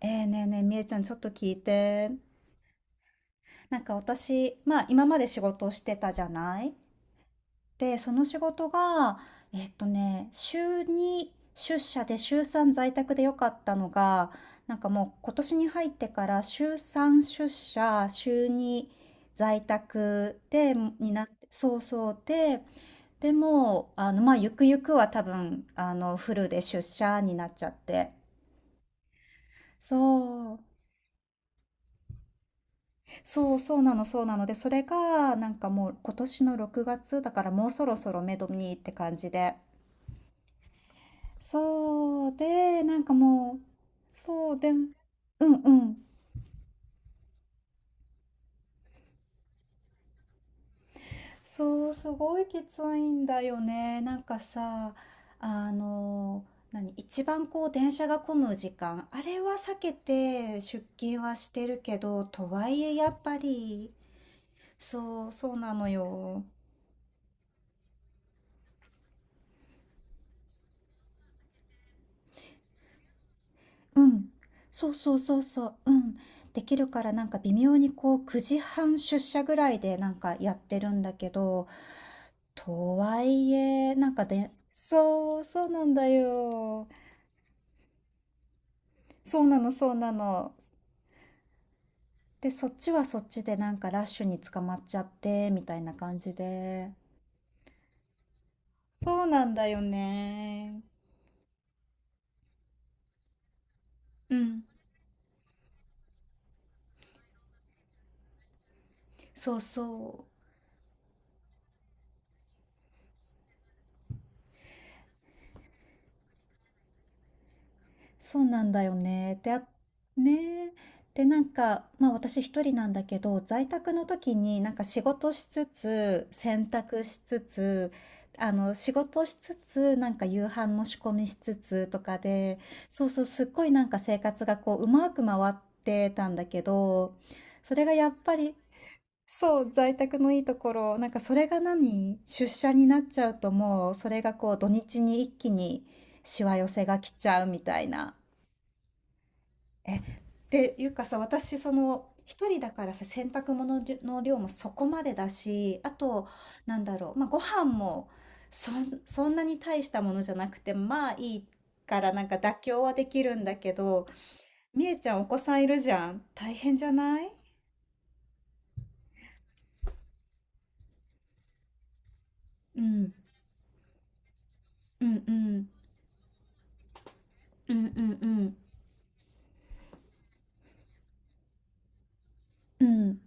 ええ、ねえねえ、みえちゃん、ちょっと聞いて。なんか私、まあ今まで仕事をしてたじゃないで、その仕事が、週2出社で週3在宅でよかったのが、なんかもう今年に入ってから週3出社、週2在宅で、になって、でも、まあゆくゆくは多分、フルで出社になっちゃって。そう。そうなのそうなの。で、それがなんかもう今年の6月だからもうそろそろ目処にって感じで。そう、で、なんかもう、そう、で、うんうん。そう、すごいきついんだよね。なんかさ、あの、何、一番こう電車が混む時間、あれは避けて出勤はしてるけど、とはいえやっぱり、そう、そうなのよ。うん。そうそうそうそう。うん。できるから、なんか微妙にこう9時半出社ぐらいでなんかやってるんだけど、とはいえ、なんかで、そう、そうなんだよ。そうなの、そうなの。で、そっちはそっちでなんかラッシュに捕まっちゃって、みたいな感じで。そうなんだよね。うん。そうそう。そうなんだよね。ねえ。で、なんか、まあ私一人なんだけど、在宅の時になんか仕事しつつ、洗濯しつつ、仕事しつつ、なんか夕飯の仕込みしつつとかで、そうそう、すっごいなんか生活がこう、うまく回ってたんだけど、それがやっぱり、そう、在宅のいいところ、なんかそれが何出社になっちゃうともう、それがこう、土日に一気にしわ寄せが来ちゃうみたいな。っていうかさ、私、その、一人だからさ、洗濯物の量もそこまでだし、あと、なんだろう、まあ、ご飯もそんなに大したものじゃなくて、まあいいから、なんか妥協はできるんだけど、みえちゃん、お子さんいるじゃん。大変じゃない？うん、うん、うん、うん、うん、うん、うん、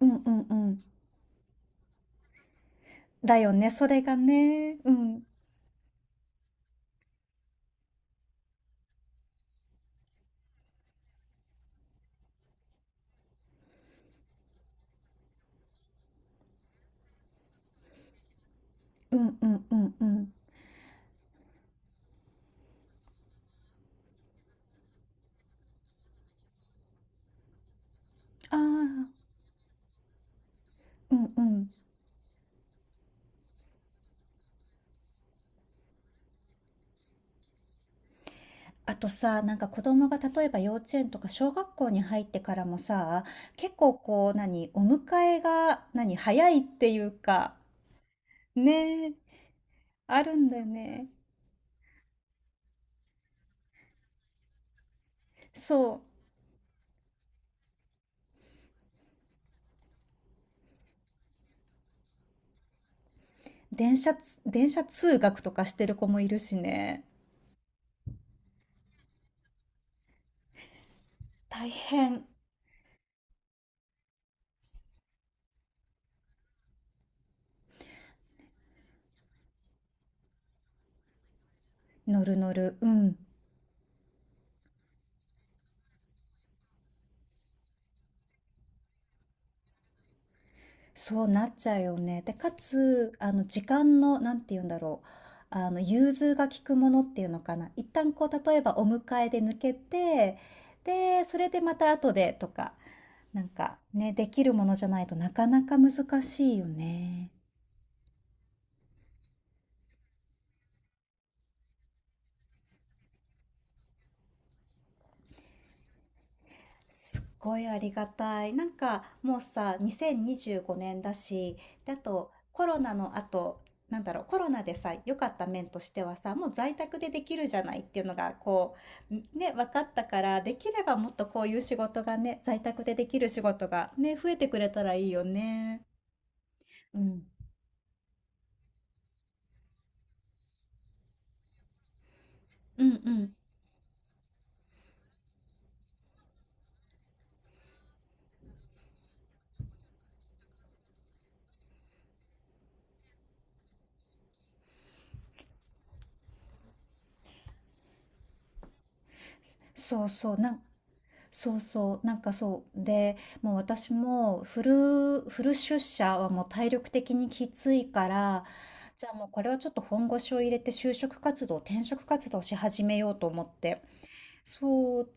うん、うん、うんだよね、それがね。うん、うん、うん、うん、うん。ああ、うん、うん。あとさ、なんか子供が例えば幼稚園とか小学校に入ってからもさ、結構こう、何、お迎えが、何、早いっていうか、ねえ、あるんだよね。そ電車通学とかしてる子もいるしね。大変。乗る乗る。うん。そうなっちゃうよね。で、かつ、時間の、なんて言うんだろう。融通が利くものっていうのかな。一旦こう、例えばお迎えで抜けて、で、それでまた後でとか、なんかね、できるものじゃないとなかなか難しいよね。すっごいありがたい。なんかもうさ、2025年だし、で、あとコロナの後、なんだろう、コロナでさ、良かった面としてはさ、もう在宅でできるじゃないっていうのが、こう、ね、分かったから、できればもっとこういう仕事がね、在宅でできる仕事がね、増えてくれたらいいよね。うん。うんうん。そうそう。なんかそう。で、もう私もフル出社はもう体力的にきついから、じゃあもうこれはちょっと本腰を入れて就職活動、転職活動し始めようと思って。そう、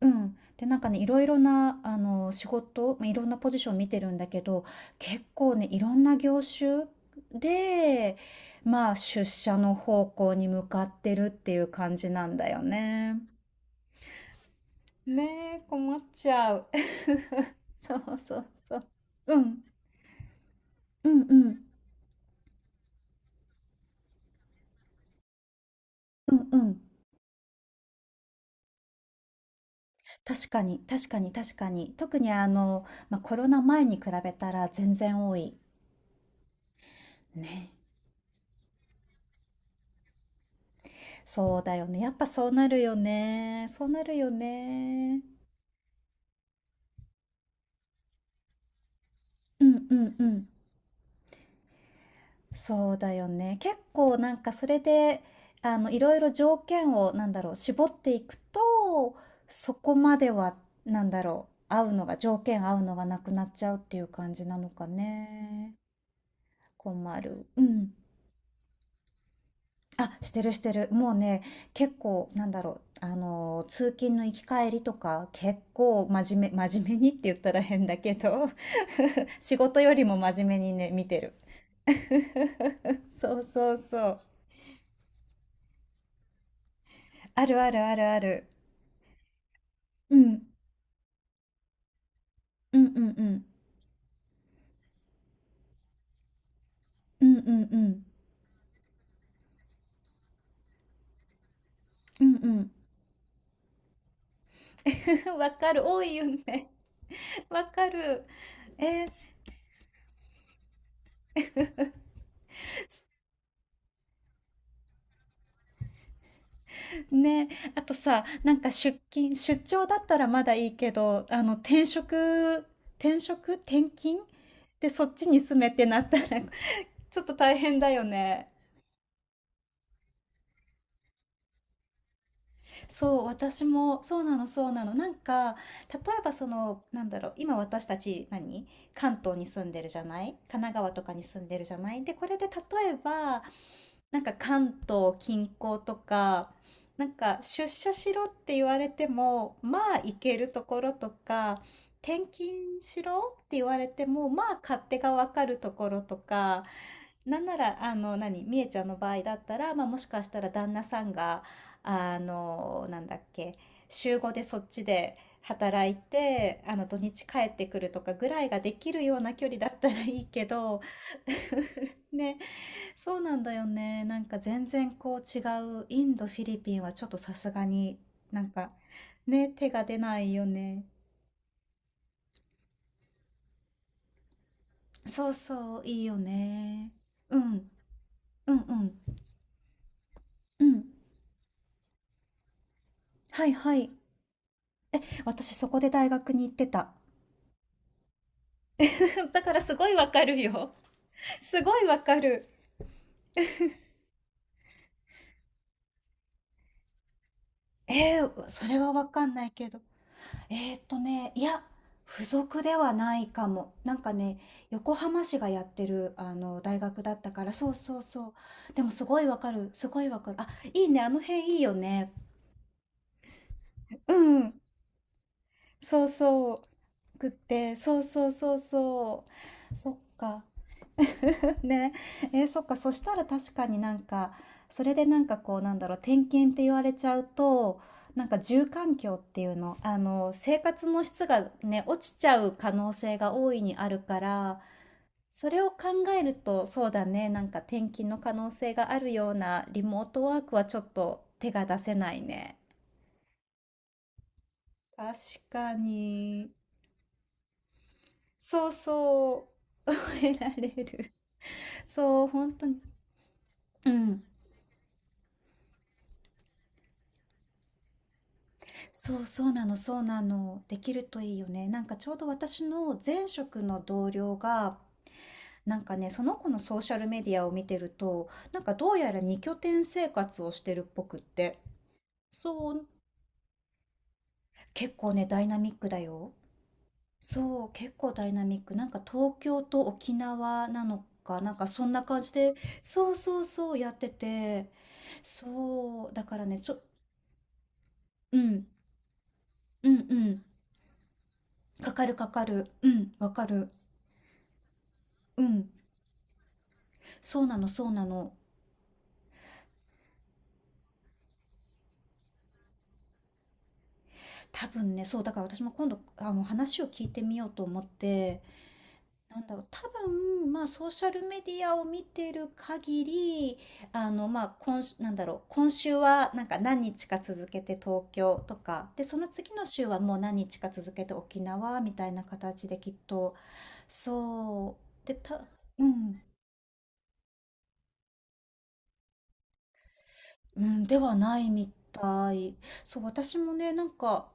うん。で、なんかね、いろいろな、まあいろんなポジション見てるんだけど、結構ね、いろんな業種で、まあ出社の方向に向かってるっていう感じなんだよね。ねえ、困っちゃう。そうそうそう。うん、うんうん。うんうん。確かに、確かに、確かに。特にまあ、コロナ前に比べたら全然多い。ね。そうだよね。やっぱそうなるよね。そうなるよね。うんうんうん。そうだよね。結構なんかそれで、いろいろ条件を、なんだろう、絞っていくと、そこまでは、なんだろう、合うのが、条件合うのがなくなっちゃうっていう感じなのかね。困る。うん。あ、してるしてる。もうね、結構、なんだろう、通勤の行き帰りとか、結構真面目にって言ったら変だけど 仕事よりも真面目にね、見てる。そうそうそう。あるあるあるある。うん。うんうんうん。うんうんうん。うんうん。わかる。多いよね。わかる。えー、ね。あとさ、なんか出張だったらまだいいけど、あの、転勤で、そっちに住めってなったら ちょっと大変だよね。そう、私も、そうなの、そうなの。なんか、例えばその、なんだろう、今私たち何、関東に住んでるじゃない神奈川とかに住んでるじゃないで、これで例えば、なんか関東近郊とか、なんか出社しろって言われても、まあ行けるところとか、転勤しろって言われても、まあ勝手がわかるところとか、なんなら、みえちゃんの場合だったら、まあもしかしたら旦那さんが、あの、なんだっけ、週5でそっちで働いて、あの土日帰ってくるとかぐらいができるような距離だったらいいけど、ね、そうなんだよね。なんか全然こう違う。インド、フィリピンはちょっとさすがになんかね、手が出ないよね。そうそう、いいよね。うん、うん、うん、うん。はいはい。私そこで大学に行ってた。だからすごいわかるよ。すごいわかる。えー、それはわかんないけど。いや、付属ではないかも。なんかね、横浜市がやってる、大学だったから、そうそうそう。でもすごいわかる、すごいわかる。あ、いいね、あの辺いいよね。うん、そうそう。くって、そうそうそうそう。そっか。ね、えーそっか、そしたら確かになんか、それでなんかこう、なんだろう、点検って言われちゃうと、なんか住環境っていうの、生活の質がね、落ちちゃう可能性が大いにあるから、それを考えると、そうだね、なんか転勤の可能性があるようなリモートワークはちょっと手が出せないね。確かに。そうそう。覚えられる。そう、本当に。うん。そうそうなの、そうなの。できるといいよね。なんかちょうど私の前職の同僚が、なんかね、その子のソーシャルメディアを見てると、なんかどうやら二拠点生活をしてるっぽくって。そう、結構ね、ダイナミックだよ。そう、結構ダイナミック。なんか東京と沖縄なのか、なんかそんな感じで、そうそうそうやってて、そう、だからね、ちょ、うん、うんうん、かかるかかる、うん、わかる、うん。そうなの、そうなの。多分ね、そう、だから私も今度、話を聞いてみようと思って、なんだろう、多分、まあ、ソーシャルメディアを見てる限り、今週は、なんか何日か続けて東京とか、で、その次の週はもう何日か続けて沖縄みたいな形できっと、そう、で、た、うん、うん、ではないみたい。そう、私もね、なんか、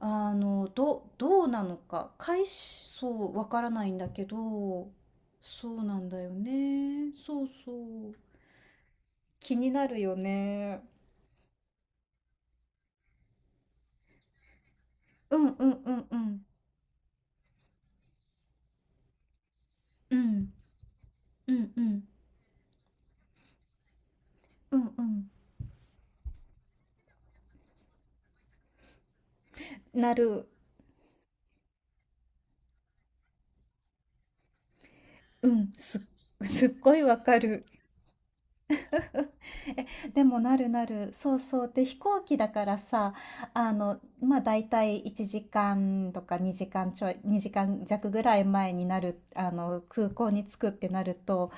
どうなのか、回しそう、わからないんだけど、そうなんだよね。そうそう。気になるよね。うんうんうんうん。うん。うんうんうんうん。なる。うん。すっごいわかる。え、でもなるなる。そうそう。で、飛行機だからさ、まあ大体1時間とか2時間ちょい、2時間弱ぐらい前になる、空港に着くってなると、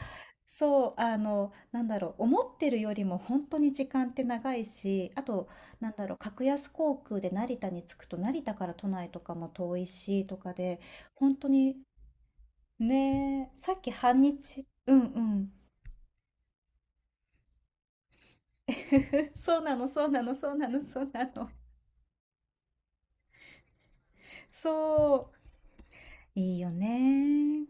そう、なんだろう、思ってるよりも本当に時間って長いし、あと、なんだろう、格安航空で成田に着くと、成田から都内とかも遠いし、とかで、本当に、ねえ、さっき半日、うんうん。そうなの、そうなの、そうなの、そうなの。そう、いいよね。